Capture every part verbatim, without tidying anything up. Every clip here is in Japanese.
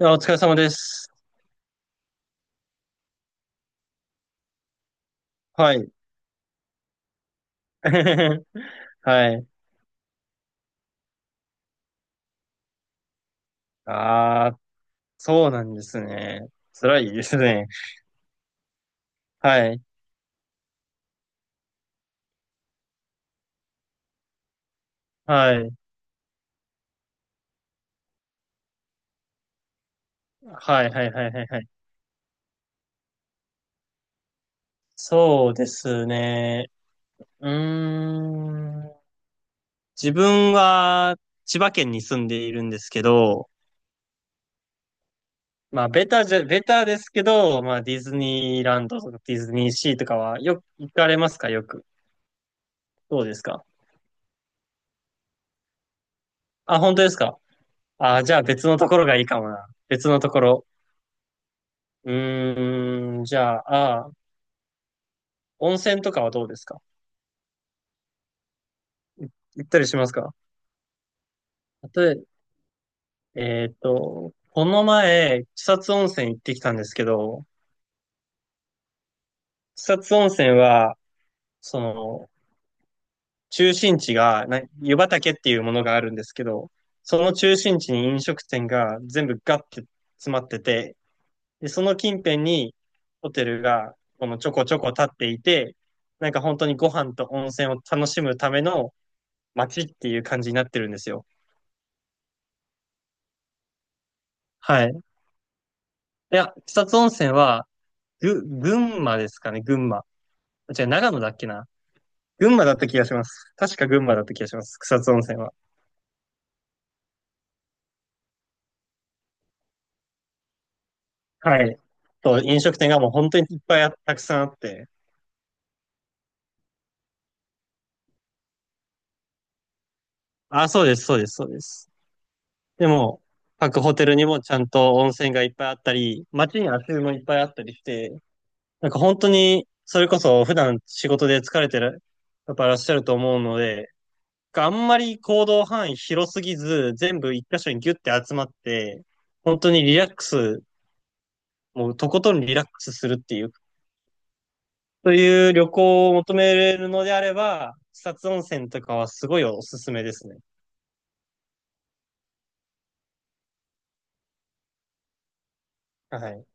いや、お疲れ様です。はい。はい。ああ、そうなんですね。辛いですね。はい。はい。はい、はい、はい、はい、はい。そうですね。うーん。自分は千葉県に住んでいるんですけど、まあ、ベタじゃ、ベタですけど、まあ、ディズニーランドとかディズニーシーとかはよく行かれますか？よく。どうですか？あ、本当ですか？あ、じゃあ別のところがいいかもな。別のところ。うーん、じゃあ、あー温泉とかはどうですか？い行ったりしますか？例え、えーっと、この前、草津温泉行ってきたんですけど、草津温泉は、その、中心地が、な、湯畑っていうものがあるんですけど、その中心地に飲食店が全部ガッて詰まってて、で、その近辺にホテルが、このちょこちょこ立っていて、なんか本当にご飯と温泉を楽しむための街っていう感じになってるんですよ。はい。いや、草津温泉は、ぐ、群馬ですかね、群馬。違う、長野だっけな。群馬だった気がします。確か群馬だった気がします。草津温泉は。はい。と、飲食店がもう本当にいっぱいあたくさんあって。あ、そうです、そうです、そうです。でも、各ホテルにもちゃんと温泉がいっぱいあったり、街に足湯もいっぱいあったりして、なんか本当に、それこそ普段仕事で疲れてる、やっぱいらっしゃると思うので、あんまり行動範囲広すぎず、全部一箇所にギュッて集まって、本当にリラックス、もうとことんリラックスするっていう、そういう旅行を求めれるのであれば、草津温泉とかはすごいおすすめですね。はい。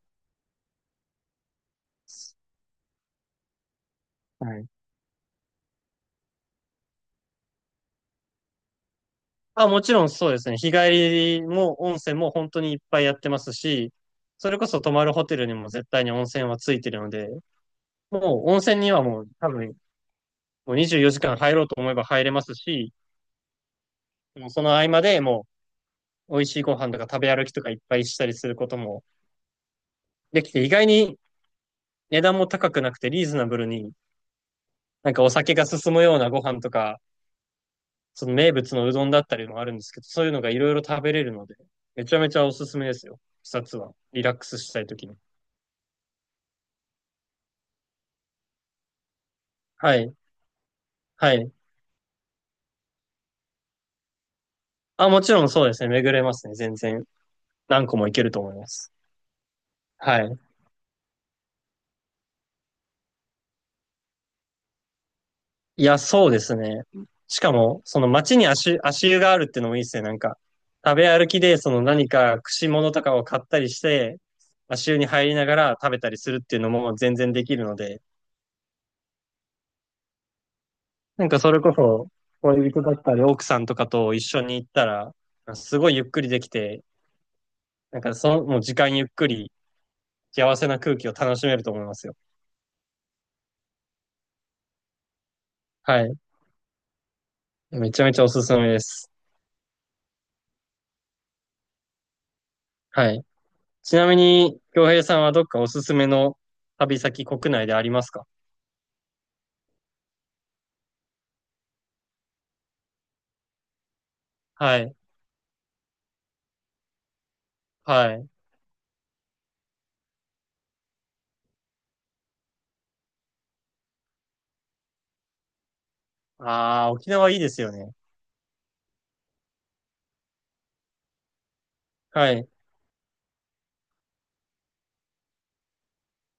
はい。あ、もちろんそうですね。日帰りも温泉も本当にいっぱいやってますし、それこそ泊まるホテルにも絶対に温泉はついてるので、もう温泉にはもう多分もうにじゅうよじかん入ろうと思えば入れますし、もうその合間でもう美味しいご飯とか食べ歩きとかいっぱいしたりすることもできて、意外に値段も高くなくてリーズナブルに、なんかお酒が進むようなご飯とか、その名物のうどんだったりもあるんですけど、そういうのがいろいろ食べれるので、めちゃめちゃおすすめですよ。視察は。リラックスしたいときに。はい。はい。あ、もちろんそうですね。巡れますね。全然。何個もいけると思います。はい。いや、そうですね。しかも、その街に足、足湯があるってのもいいですね。なんか、食べ歩きで、その何か串物とかを買ったりして、足湯に入りながら食べたりするっていうのも全然できるので、なんかそれこそ、恋人だったり奥さんとかと一緒に行ったら、すごいゆっくりできて、なんかその、もう時間ゆっくり、幸せな空気を楽しめると思いますよ。はい。めちゃめちゃおすすめです。はい。ちなみに、京平さんはどっかおすすめの旅先国内でありますか？はい。はい。ああ、沖縄いいですよね。はい。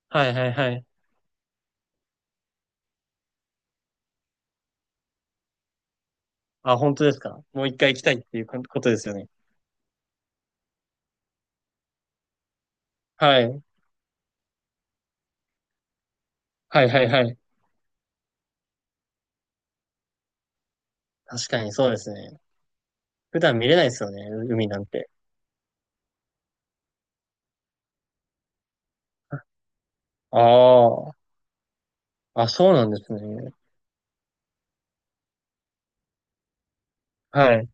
はいはいはい。あ、本当ですか。もう一回行きたいっていうこことですよね。はい。はいはいはい。確かにそうですね。普段見れないですよね、う海なんて。ああ、あ、そうなんですね。はい。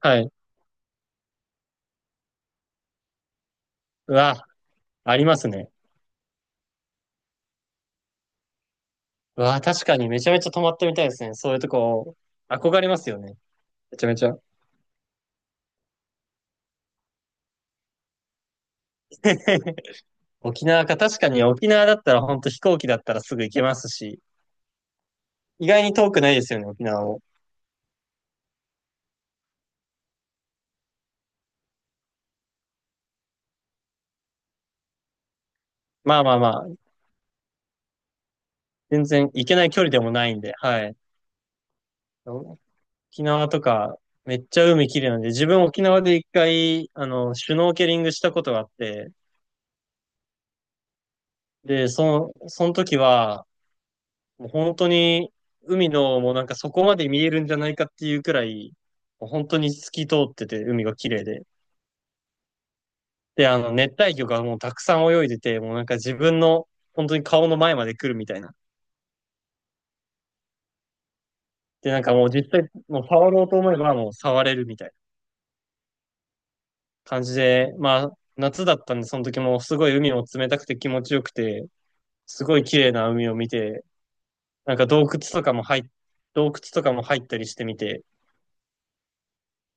はい。うわ、ありますね。うわ、確かにめちゃめちゃ泊まってみたいですね。そういうとこ、憧れますよね。めちゃめちゃ。沖縄か、確かに沖縄だったら本当飛行機だったらすぐ行けますし、意外に遠くないですよね、沖縄も。まあまあまあ全然行けない距離でもないんで、はい。沖縄とか、めっちゃ海綺麗なんで、自分沖縄で一回、あの、シュノーケリングしたことがあって、で、その、その時は、もう本当に、海の、もうなんかそこまで見えるんじゃないかっていうくらい、もう本当に透き通ってて、海が綺麗で。で、あの、熱帯魚がもうたくさん泳いでて、もうなんか自分の、本当に顔の前まで来るみたいな。で、なんかもう実際、もう触ろうと思えばもう触れるみたいな感じで、まあ、夏だったんで、その時もすごい海も冷たくて気持ちよくて、すごい綺麗な海を見て、なんか洞窟とかも入っ、洞窟とかも入ったりしてみて、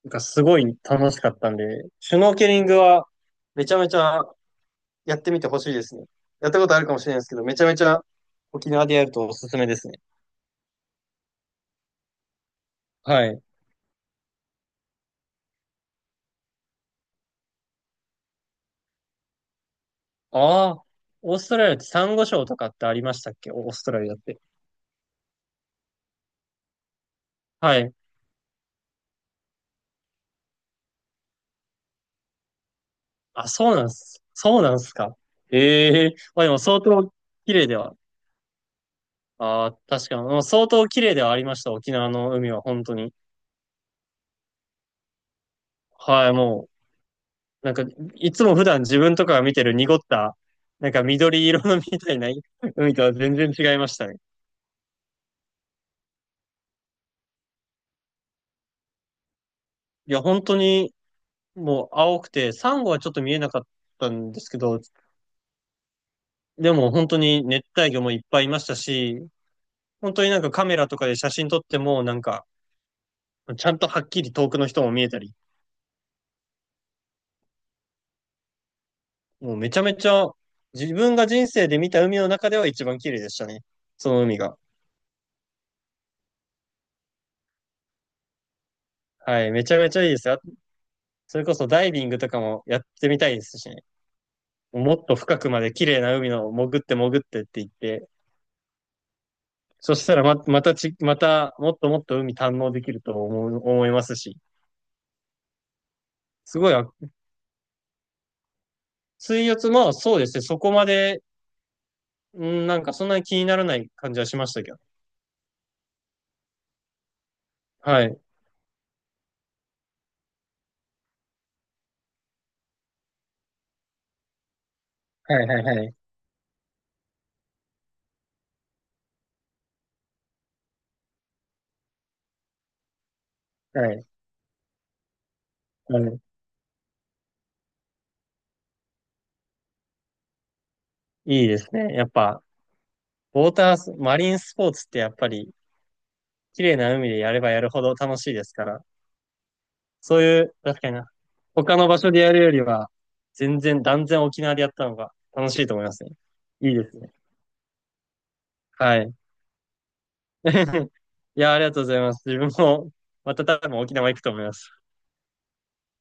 なんかすごい楽しかったんで、シュノーケリングはめちゃめちゃやってみてほしいですね。やったことあるかもしれないですけど、めちゃめちゃ沖縄でやるとおすすめですね。はい。ああ、オーストラリアってサンゴ礁とかってありましたっけ？オーストラリアって。はい。あ、そうなんす。そうなんすか。ええまあでも相当綺麗では、ああ、確かに、もう相当綺麗ではありました、沖縄の海は、本当に。はい、もう、なんか、いつも普段自分とかが見てる濁った、なんか緑色のみたいな 海とは全然違いましたね。いや、本当に、もう青くて、サンゴはちょっと見えなかったんですけど、でも本当に熱帯魚もいっぱいいましたし、本当になんかカメラとかで写真撮っても、なんか、ちゃんとはっきり遠くの人も見えたり、もうめちゃめちゃ自分が人生で見た海の中では一番綺麗でしたね。その海が。はい、めちゃめちゃいいですよ。それこそダイビングとかもやってみたいですしね。もっと深くまで綺麗な海の潜って潜ってって言って、そしたらま、またち、またもっともっと海堪能できると思う、思いますし。すごい、あ水圧、まあそうですね、そこまで、うん、なんかそんなに気にならない感じはしましたけど。はい。はいはいはい。はい。うん、いいですね。やっぱ、ウォータース、マリンスポーツってやっぱり綺麗な海でやればやるほど楽しいですから、そういう、確かにな、他の場所でやるよりは、全然、断然沖縄でやったのが楽しいと思いますね。いいですね。はい。いや、ありがとうございます。自分も、また多分沖縄行くと思います。